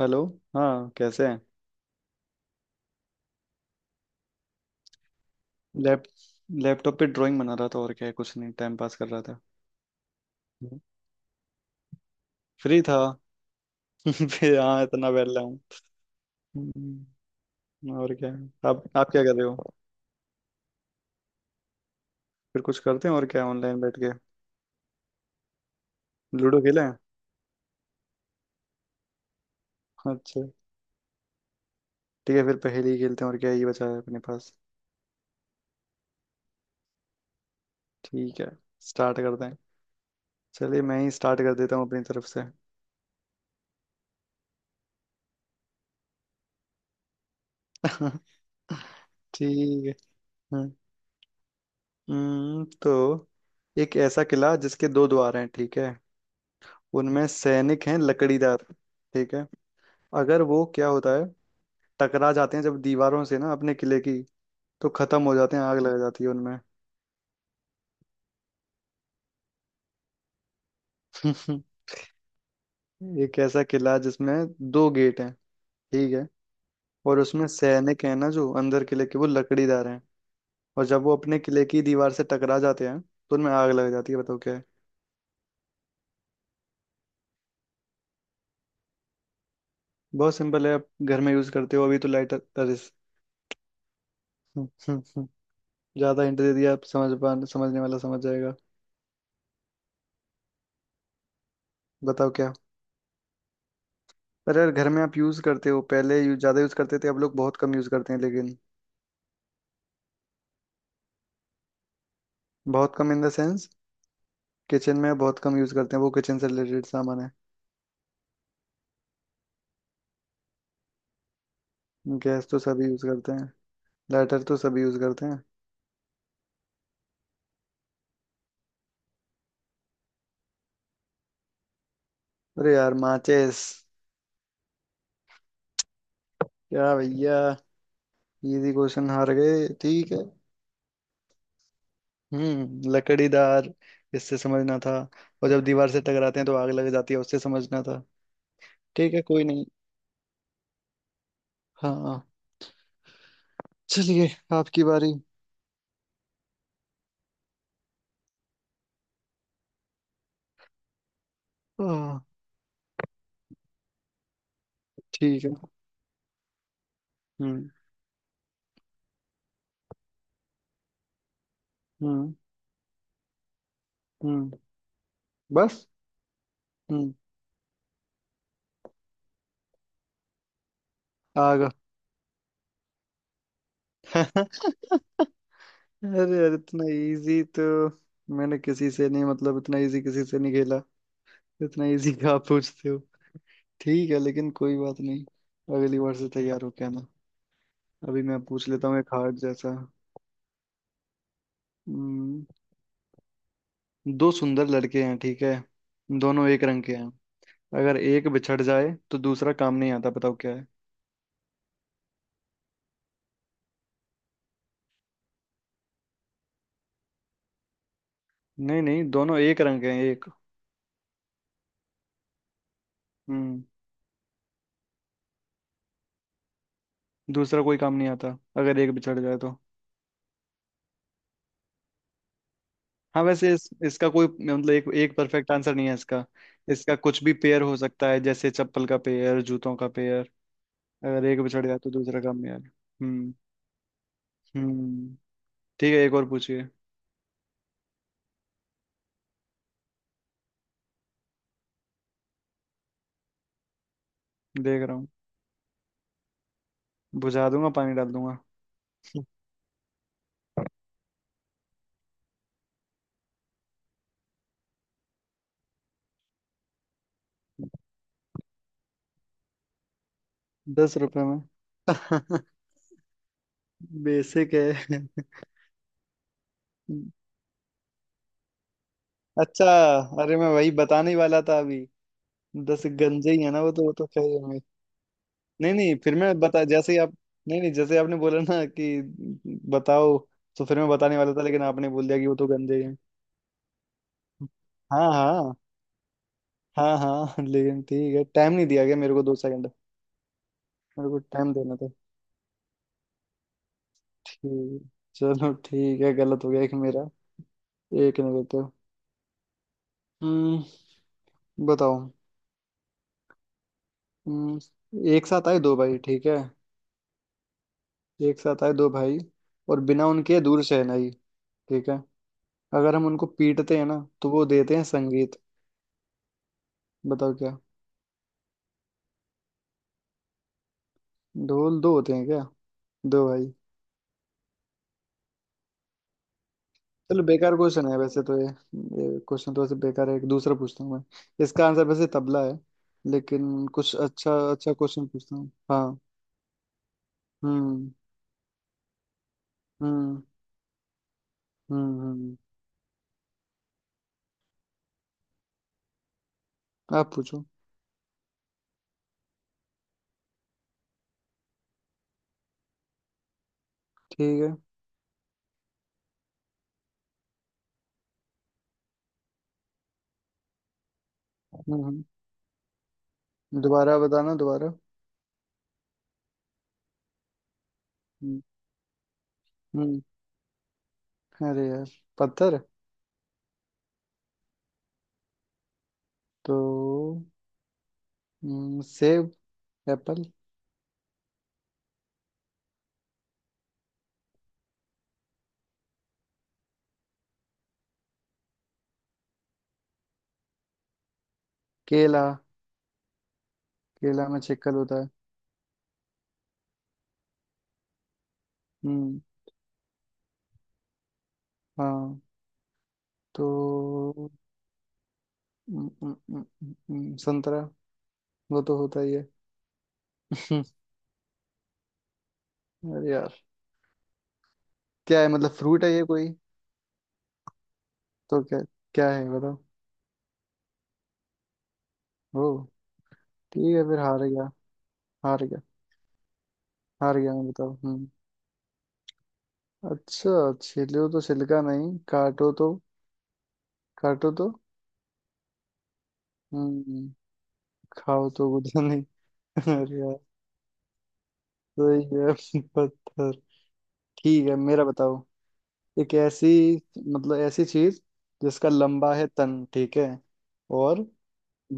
Hello. हाँ कैसे हैं। लैप लैपटॉप पे ड्राइंग बना रहा था। और क्या है, कुछ नहीं टाइम पास कर रहा था। फ्री था। फिर हाँ इतना बैठा हूँ। हम्म, और क्या है? आप क्या कर रहे हो। फिर कुछ करते हैं और क्या, ऑनलाइन बैठ के लूडो खेलें। अच्छा ठीक है, फिर पहेली खेलते हैं और क्या है, ये बचा है अपने पास। ठीक है, स्टार्ट करते हैं। चलिए मैं ही स्टार्ट कर देता हूँ अपनी तरफ से। ठीक है। हम्म, तो एक ऐसा किला जिसके दो द्वार हैं, ठीक है। उनमें सैनिक हैं लकड़ीदार, ठीक है। अगर वो क्या होता है, टकरा जाते हैं जब दीवारों से ना अपने किले की, तो खत्म हो जाते हैं, आग लग जाती है उनमें। एक ऐसा किला है जिसमें दो गेट हैं, ठीक है। और उसमें सैनिक हैं ना जो अंदर किले के, वो लकड़ीदार हैं। और जब वो अपने किले की दीवार से टकरा जाते हैं तो उनमें आग लग जाती है, बताओ क्या है। बहुत सिंपल है, आप घर में यूज करते हो अभी तो, लाइटर अरे। ज्यादा हिंट दे दिया, आप समझ पा, समझने वाला समझ जाएगा। बताओ क्या। पर यार घर में आप यूज करते हो, पहले यूज ज्यादा यूज करते थे, अब लोग बहुत कम यूज करते हैं लेकिन बहुत कम इन द सेंस, किचन में बहुत कम यूज करते हैं, वो किचन से रिलेटेड सामान है। गैस तो सभी यूज करते हैं, लाइटर तो सभी यूज करते हैं। अरे यार माचिस। क्या भैया, इजी क्वेश्चन हार गए, ठीक है। लकड़ीदार इससे समझना था, और जब दीवार से टकराते हैं तो आग लग जाती है उससे समझना था। ठीक है कोई नहीं। हाँ चलिए, आपकी बारी। हाँ ठीक है। हम्म हम्म हम्म। बस। हम्म, आ गया। अरे यार इतना इजी तो मैंने किसी से नहीं, मतलब इतना इजी किसी से नहीं खेला। इतना इजी क्या आप पूछते हो। ठीक है लेकिन कोई बात नहीं, अगली बार से तैयार होके आना। अभी मैं पूछ लेता हूँ एक हार्ड जैसा। हम्म, दो सुंदर लड़के हैं, ठीक है। दोनों एक रंग के हैं, अगर एक बिछड़ जाए तो दूसरा काम नहीं आता, बताओ क्या है। नहीं नहीं दोनों एक रंग के हैं एक। हम्म। दूसरा कोई काम नहीं आता अगर एक बिछड़ जाए तो। हाँ वैसे इसका कोई मतलब, एक एक परफेक्ट आंसर नहीं है इसका। इसका कुछ भी पेयर हो सकता है, जैसे चप्पल का पेयर, जूतों का पेयर। अगर एक बिछड़ जाए तो दूसरा का पेयर। हम्म। हम्म। ठीक है, एक और पूछिए। देख रहा हूँ, बुझा दूंगा पानी डाल दूंगा। दस रुपए में। बेसिक है। अच्छा, अरे मैं वही बताने ही वाला था अभी। दस गंजे ही है ना वो तो, वो तो खैर। नहीं नहीं फिर मैं बता, जैसे ही आप, नहीं नहीं जैसे आपने बोला ना कि बताओ, तो फिर मैं बताने वाला था लेकिन आपने बोल दिया कि वो तो गंदे हैं। हाँ हाँ। हाँ हाँ लेकिन ठीक है, टाइम नहीं दिया गया मेरे को, दो सेकंड मेरे को टाइम देना था। ठीक है चलो, ठीक है गलत हो गया एक मेरा। एक नहीं देते। हम्म बताओ। हम्म। एक साथ आए दो भाई, ठीक है। एक साथ आए दो भाई, और बिना उनके दूर से है नहीं, ठीक है। अगर हम उनको पीटते हैं ना तो वो देते हैं संगीत, बताओ क्या। ढोल दो होते हैं क्या, दो भाई। चलो बेकार क्वेश्चन है वैसे तो, ये क्वेश्चन तो वैसे बेकार है, एक दूसरा पूछता हूँ मैं। इसका आंसर वैसे तबला है, लेकिन कुछ अच्छा अच्छा क्वेश्चन पूछता हूँ हाँ। हम्म हम्म हम्म हम्म आप पूछो। ठीक है। हम्म हम्म। दोबारा बताना दोबारा। हम्म हम्म। अरे यार, पत्थर। तो सेब, एप्पल, केला। केला में छिक्कल होता है। हम्म हाँ, तो हम्म, हम्म, हम्म, संतरा। वो तो होता ही है। हम्म, अरे यार, क्या है, मतलब फ्रूट है ये कोई। तो क्या, क्या है बताओ। ओ ठीक है, फिर हार गया, हार गया। हार गया मैं, बताओ हम्म। अच्छा, छिलो तो छिलका नहीं, काटो तो, काटो तो। हम्म। खाओ तो गुदा नहीं। अरे यार, तो ये पत्थर। ठीक है मेरा बताओ। एक ऐसी, मतलब ऐसी चीज, जिसका लंबा है तन, ठीक है। और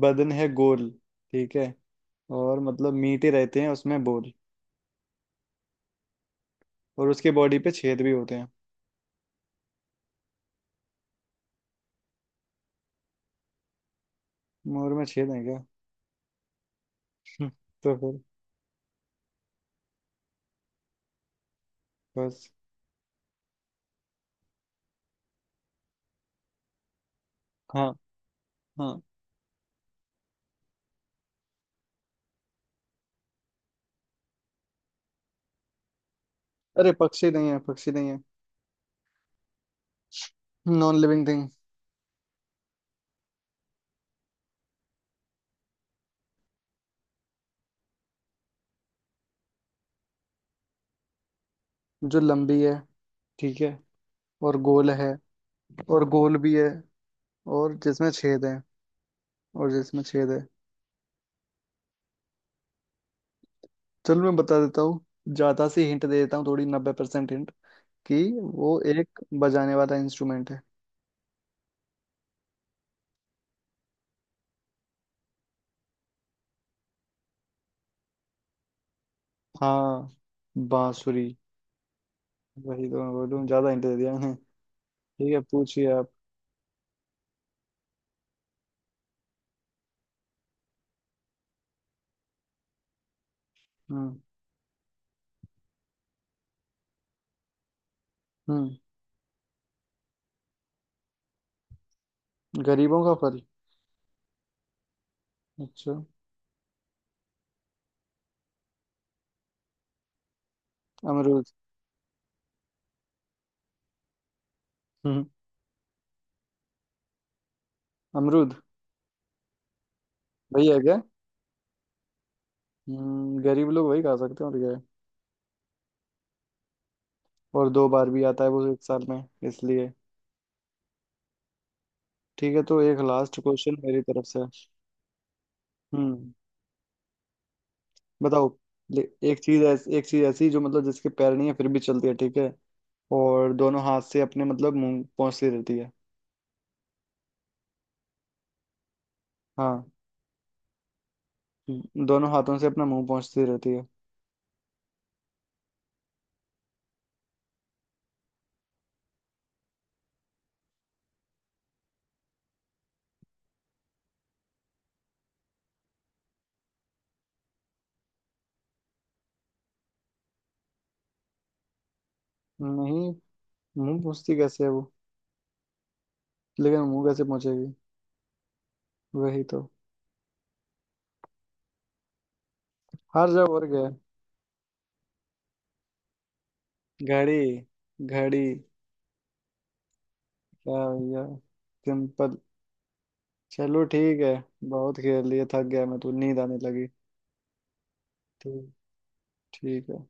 बदन है गोल, ठीक है। और मतलब मीठे रहते हैं उसमें बोल। और उसकी बॉडी पे छेद भी होते हैं। मोर में छेद है क्या। हम्म, तो फिर बस। हाँ हाँ। अरे पक्षी नहीं है, पक्षी नहीं है, नॉन लिविंग थिंग। जो लंबी है, ठीक है, और गोल है, और गोल भी है, और जिसमें छेद है, और जिसमें छेद है। चलो मैं बता देता हूँ, ज्यादा सी हिंट दे देता हूँ थोड़ी, 90% हिंट, कि वो एक बजाने वाला इंस्ट्रूमेंट है। हाँ बांसुरी, वही तो, मैं बोलूँ ज्यादा हिंट दे दिया मैंने। ठीक है पूछिए आप। हम्म हम्म गरीबों का फल। अच्छा, अमरूद। हम्म, अमरूद। वही है क्या। गरीब लोग वही खा सकते हैं और क्या है। और दो बार भी आता है वो एक साल में, इसलिए। ठीक है तो एक लास्ट क्वेश्चन मेरी तरफ से। हम्म बताओ। ले- एक चीज ऐसी जो, मतलब जिसके पैर नहीं है फिर भी चलती है, ठीक है। और दोनों हाथ से अपने मतलब मुंह पहुंचती रहती है। हाँ दोनों हाथों से अपना मुंह पहुंचती रहती है। नहीं। मुंह पहुंचती कैसे है वो, लेकिन मुंह कैसे पहुंचेगी, वही तो। हार जाओ और क्या है? घड़ी। घड़ी, क्या भैया, सिंपल। चलो ठीक है। बहुत खेल लिए, थक गया मैं, तो नींद आने लगी। ठीक ठीक है।